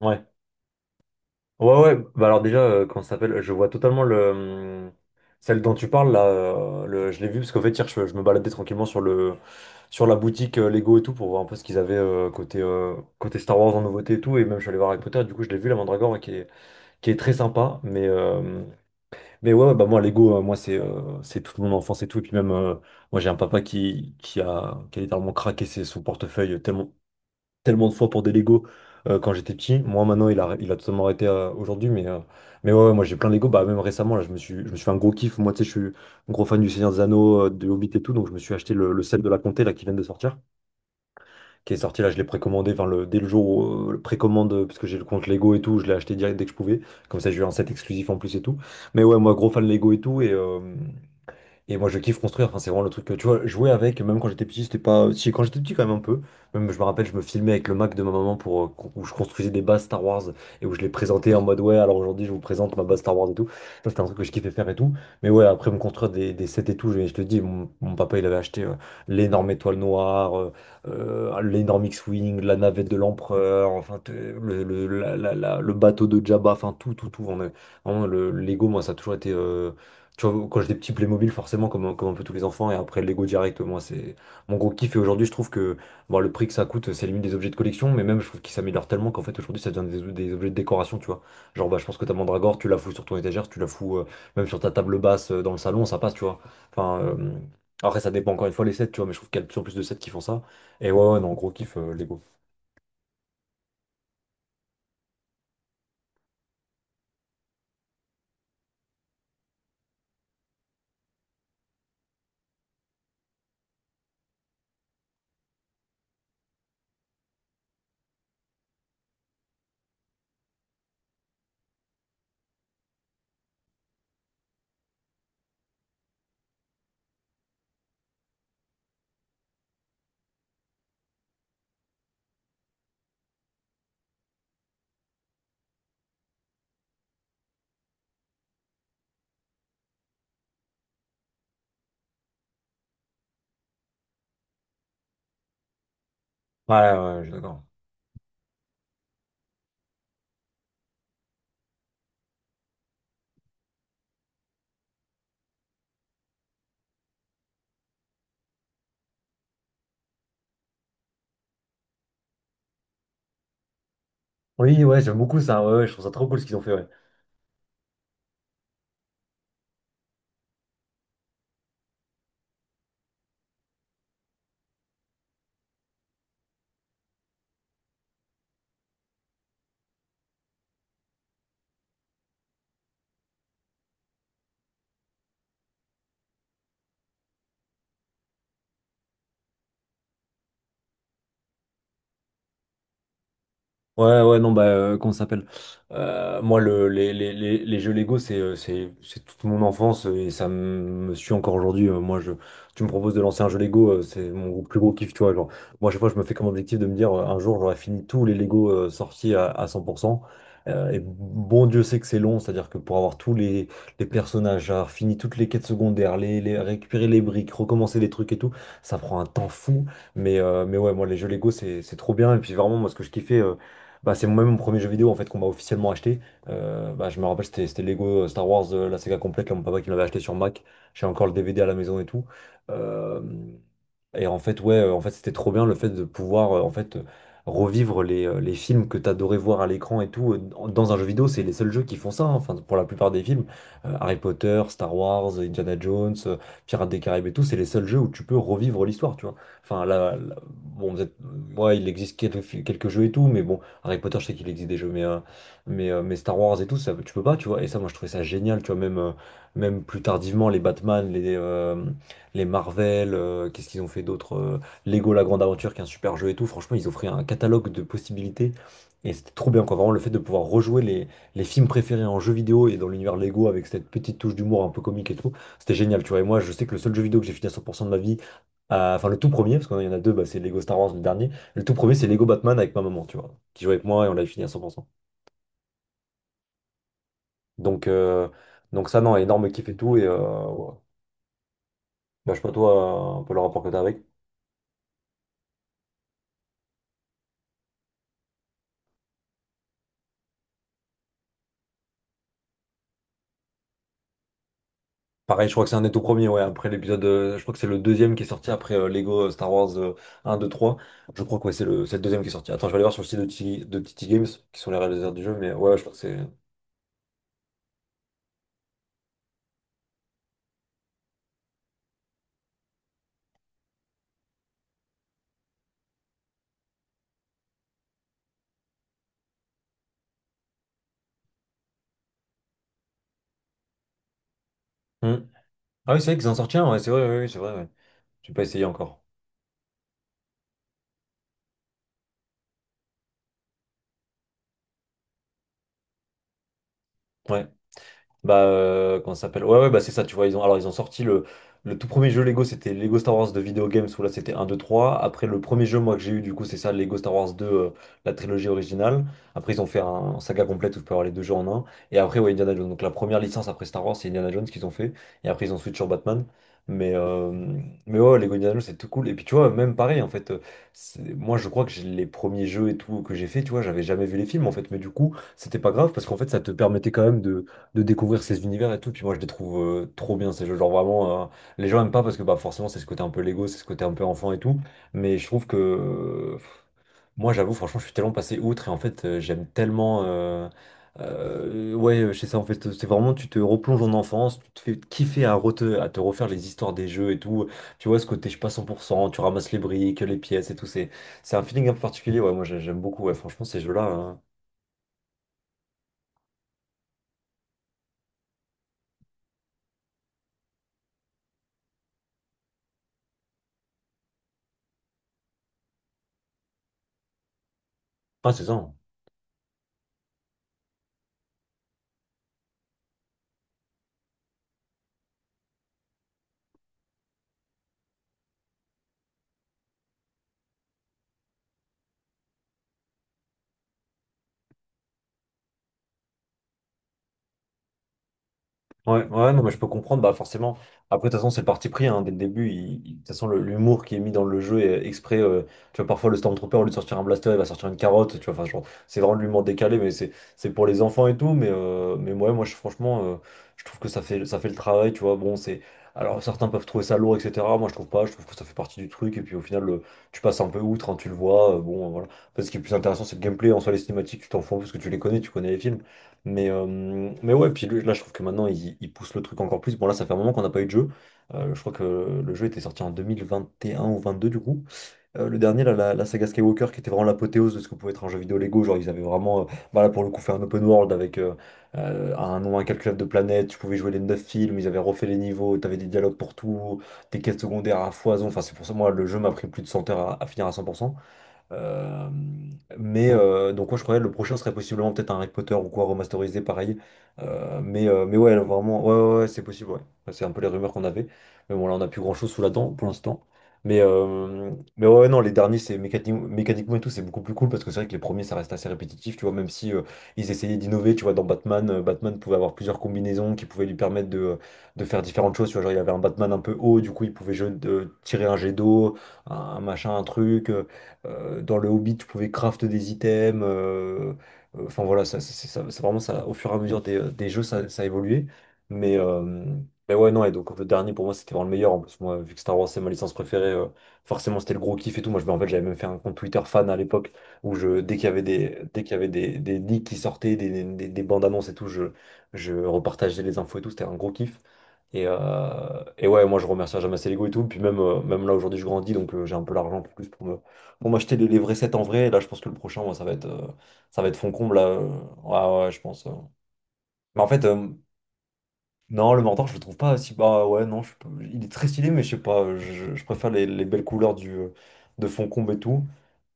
Ouais. Ouais, ouais. Bah alors déjà, comment ça s'appelle? Je vois totalement le hum, celle dont tu parles là. Je l'ai vu parce qu'en fait hier, je me baladais tranquillement sur le sur la boutique Lego et tout pour voir un peu ce qu'ils avaient côté Star Wars en nouveauté et tout. Et même je suis allé voir Harry Potter. Du coup, je l'ai vu la Mandragore ouais, qui est très sympa. Mais ouais, ouais, bah moi Lego, moi c'est toute mon enfance et tout. Et puis même moi j'ai un papa qui a littéralement craqué son portefeuille tellement tellement de fois pour des Lego quand j'étais petit. Moi maintenant il a totalement arrêté aujourd'hui mais ouais, ouais, moi j'ai plein de Lego. Bah même récemment là je me suis fait un gros kiff. Moi tu sais je suis un gros fan du Seigneur des Anneaux, de Hobbit et tout donc je me suis acheté le set de la Comté là qui vient de sortir. Qui est sorti là je l'ai précommandé enfin, dès le jour où le précommande parce que j'ai le compte Lego et tout je l'ai acheté direct dès que je pouvais. Comme ça j'ai eu un set exclusif en plus et tout. Mais ouais moi gros fan Lego et tout et moi, je kiffe construire. Enfin, c'est vraiment le truc que tu vois, jouer avec, même quand j'étais petit, c'était pas. Si, quand j'étais petit, quand même un peu. Même, je me rappelle, je me filmais avec le Mac de ma maman pour où je construisais des bases Star Wars et où je les présentais en mode ouais, alors aujourd'hui, je vous présente ma base Star Wars et tout. Ça, c'était un truc que je kiffais faire et tout. Mais ouais, après me construire des sets et tout, je te dis, mon papa, il avait acheté l'énorme étoile noire, l'énorme X-Wing, la navette de l'empereur, enfin, t- le, la- la- la- le bateau de Jabba, enfin, tout, tout, tout. Vraiment, le Lego, moi, ça a toujours été. Tu vois, quand j'ai des petits Playmobil, forcément, comme un peu tous les enfants, et après Lego direct, moi, c'est mon gros kiff. Et aujourd'hui, je trouve que bon, le prix que ça coûte, c'est limite des objets de collection, mais même, je trouve qu'ils s'améliorent tellement qu'en fait, aujourd'hui, ça devient des objets de décoration, tu vois. Genre, bah, je pense que ta mandragore, tu la fous sur ton étagère, tu la fous même sur ta table basse dans le salon, ça passe, tu vois. Enfin, après, ça dépend encore une fois les sets, tu vois, mais je trouve qu'il y a de plus en plus de sets qui font ça. Et ouais, ouais, non, gros kiff, Lego. Ouais, ouais, ouais, je suis d'accord. Oui, ouais, j'aime beaucoup ça, ouais, ouais, je trouve ça trop cool ce qu'ils ont fait, ouais. Ouais, ouais, non, bah, comment ça s'appelle? Moi, le, les jeux Lego, c'est toute mon enfance et ça me suit encore aujourd'hui. Moi, tu me proposes de lancer un jeu Lego, c'est mon plus gros kiff, tu vois. Genre, moi, à chaque fois, je me fais comme objectif de me dire, un jour, j'aurai fini tous les Lego sortis à 100%. Et bon Dieu sait que c'est long, c'est-à-dire que pour avoir tous les personnages, avoir fini toutes les quêtes secondaires, récupérer les briques, recommencer les trucs et tout, ça prend un temps fou. Mais ouais, moi, les jeux Lego, c'est trop bien. Et puis, vraiment, moi, ce que je kiffais. Bah, c'est moi-même mon premier jeu vidéo en fait qu'on m'a officiellement acheté. Bah, je me rappelle, c'était Lego Star Wars, la saga complète, là, mon papa qui me l'avait acheté sur Mac. J'ai encore le DVD à la maison et tout. Euh, et en fait, ouais, c'était trop bien le fait de pouvoir en fait revivre les films que t'adorais voir à l'écran et tout dans un jeu vidéo. C'est les seuls jeux qui font ça, hein. Enfin, pour la plupart des films, Harry Potter, Star Wars, Indiana Jones, Pirates des Caraïbes et tout, c'est les seuls jeux où tu peux revivre l'histoire, tu vois. Enfin, là, là, bon, ouais, il existe quelques jeux et tout, mais bon, Harry Potter, je sais qu'il existe des jeux, mais Star Wars et tout, ça, tu peux pas, tu vois. Et ça, moi, je trouvais ça génial, tu vois. Même plus tardivement, les Batman, les Marvel, qu'est-ce qu'ils ont fait d'autre? Lego La Grande Aventure, qui est un super jeu et tout. Franchement, ils offraient un catalogue de possibilités et c'était trop bien, quoi. Vraiment, le fait de pouvoir rejouer les films préférés en jeu vidéo et dans l'univers Lego avec cette petite touche d'humour un peu comique et tout, c'était génial, tu vois. Et moi, je sais que le seul jeu vidéo que j'ai fini à 100% de ma vie, enfin, le tout premier, parce qu'il y en a deux, bah, c'est Lego Star Wars, le dernier. Le tout premier, c'est Lego Batman avec ma maman, tu vois, qui jouait avec moi et on l'avait fini à 100%. Donc, euh, donc ça, non, énorme kiff et tout. Et ouais. Bah, je sais pas, toi, un peu le rapport que t'as avec. Pareil, je crois que c'est un des tout premiers, ouais, après l'épisode, je crois que c'est le deuxième qui est sorti après Lego Star Wars 1, 2, 3. Je crois que ouais, c'est le deuxième qui est sorti. Attends, je vais aller voir sur le site de TT Games, qui sont les réalisateurs du jeu, mais ouais, je crois que c'est. Hmm. Ah oui, c'est vrai qu'ils en sortent un, ouais, c'est vrai, oui, oui, c'est vrai, ouais. J'ai pas essayé encore. Ouais. Bah, comment ça s'appelle? Ouais, ouais, bah c'est ça, tu vois. Ils ont, alors, ils ont sorti le tout premier jeu Lego, c'était Lego Star Wars de Video Games, où là c'était un 2 trois. Après, le premier jeu, moi, que j'ai eu, du coup, c'est ça, Lego Star Wars 2, la trilogie originale. Après, ils ont fait saga complète où tu peux avoir les deux jeux en un. Et après, ouais, Indiana Jones. Donc, la première licence après Star Wars, c'est Indiana Jones qu'ils ont fait. Et après, ils ont switch sur Batman. Mais, euh, mais ouais, ouais, Lego Indiana Jones, c'est tout cool. Et puis, tu vois, même pareil, en fait, moi, je crois que les premiers jeux et tout que j'ai fait, tu vois, j'avais jamais vu les films, en fait. Mais du coup, c'était pas grave parce qu'en fait, ça te permettait quand même de découvrir ces univers et tout. Puis moi, je les trouve trop bien ces jeux. Genre vraiment, les gens aiment pas parce que bah, forcément, c'est ce côté un peu Lego, c'est ce côté un peu enfant et tout. Mais je trouve que moi, j'avoue, franchement, je suis tellement passé outre et en fait, j'aime tellement. Ouais, je sais ça en fait, c'est vraiment tu te replonges en enfance, tu te fais kiffer à te refaire les histoires des jeux et tout. Tu vois ce côté, je suis pas 100%, tu ramasses les briques, les pièces et tout. C'est un feeling un peu particulier. Ouais, moi, j'aime beaucoup. Ouais, franchement, ces jeux-là, hein. Ah, c'est ça, hein. Ouais, ouais, non, mais je peux comprendre, bah forcément. Après, de toute façon, c'est le parti pris, hein, dès le début. De toute façon, l'humour qui est mis dans le jeu est exprès. Tu vois, parfois, le Stormtrooper, au lieu de sortir un blaster, il va sortir une carotte. Tu vois, enfin, genre, c'est vraiment de l'humour décalé, mais c'est pour les enfants et tout. Mais ouais, moi, je, franchement, je trouve que ça fait le travail, tu vois. Bon, c'est. Alors, certains peuvent trouver ça lourd, etc. Moi, je trouve pas. Je trouve que ça fait partie du truc. Et puis, au final, tu passes un peu outre, hein, tu le vois. Bon, voilà. Parce que ce qui est plus intéressant, c'est le gameplay. En soi, les cinématiques, tu t'en fous parce que tu les connais, tu connais les films. Mais, euh, mais ouais, puis lui, là, je trouve que maintenant, il pousse le truc encore plus. Bon, là, ça fait un moment qu'on n'a pas eu de jeu. Je crois que le jeu était sorti en 2021 ou 22 du coup. Le dernier, là, la saga Skywalker, qui était vraiment l'apothéose de ce que pouvait être un jeu vidéo Lego. Genre, ils avaient vraiment, bah, là, pour le coup, fait un open world avec un nombre incalculable de planètes. Tu pouvais jouer les 9 films, ils avaient refait les niveaux, t'avais des dialogues pour tout, des quêtes secondaires à foison. Enfin, c'est pour ça, moi, le jeu m'a pris plus de 100 heures à finir à 100%. Euh, donc, moi, je croyais le prochain serait possiblement peut-être un Harry Potter ou quoi, remasterisé pareil. Mais ouais, vraiment, ouais, ouais, ouais, c'est possible, ouais. Enfin, c'est un peu les rumeurs qu'on avait. Mais bon, là, on n'a plus grand-chose sous la dent pour l'instant. Mais, euh, mais ouais, ouais, non, les derniers, c'est mécaniquement et tout, c'est beaucoup plus cool parce que c'est vrai que les premiers, ça reste assez répétitif, tu vois, même si ils essayaient d'innover, tu vois, dans Batman, Batman pouvait avoir plusieurs combinaisons qui pouvaient lui permettre de faire différentes choses, tu vois, genre il avait un Batman un peu haut, du coup, il pouvait tirer un jet d'eau, un machin, un truc. Dans le Hobbit, tu pouvais craft des items. Enfin voilà, c'est vraiment ça. Au fur et à mesure des jeux, ça a évolué. Mais, euh, mais ouais, non. Et donc le dernier pour moi, c'était vraiment le meilleur. En plus, moi, vu que Star Wars c'est ma licence préférée, forcément c'était le gros kiff et tout. Moi, je, en fait, j'avais même fait un compte Twitter fan à l'époque où je, dès qu'il y avait des, dès qu'il y avait des leaks qui sortaient, des bandes annonces et tout, je repartageais les infos et tout. C'était un gros kiff. Et, euh, et ouais, moi je remercie jamais assez l'ego et tout. Puis même, même là aujourd'hui je grandis donc j'ai un peu l'argent pour plus pour me, on m'a acheté les vrais sets en vrai, et là je pense que le prochain, moi, ça va être fond comble, là. Ouais, ouais, je pense. Mais en fait, non, le mentor, je le trouve pas si. Bah ouais, non, je- il est très stylé, mais je sais pas, je préfère les belles couleurs du, de fond comble et tout.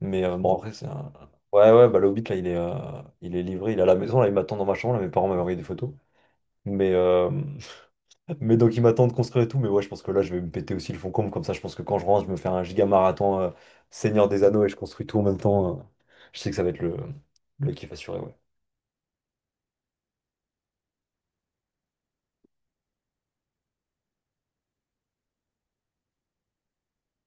Bon, après, c'est un. Ouais, ouais, bah le Hobbit, là, il est livré, il est à la maison, là, il m'attend dans ma chambre, là, mes parents m'avaient envoyé des photos. Mais, euh, mais donc il m'attend de construire et tout, mais ouais, je pense que là je vais me péter aussi le fond comble, comme ça je pense que quand je rentre, je me fais un giga marathon Seigneur des Anneaux et je construis tout en même temps. Je sais que ça va être le kiff assuré, ouais.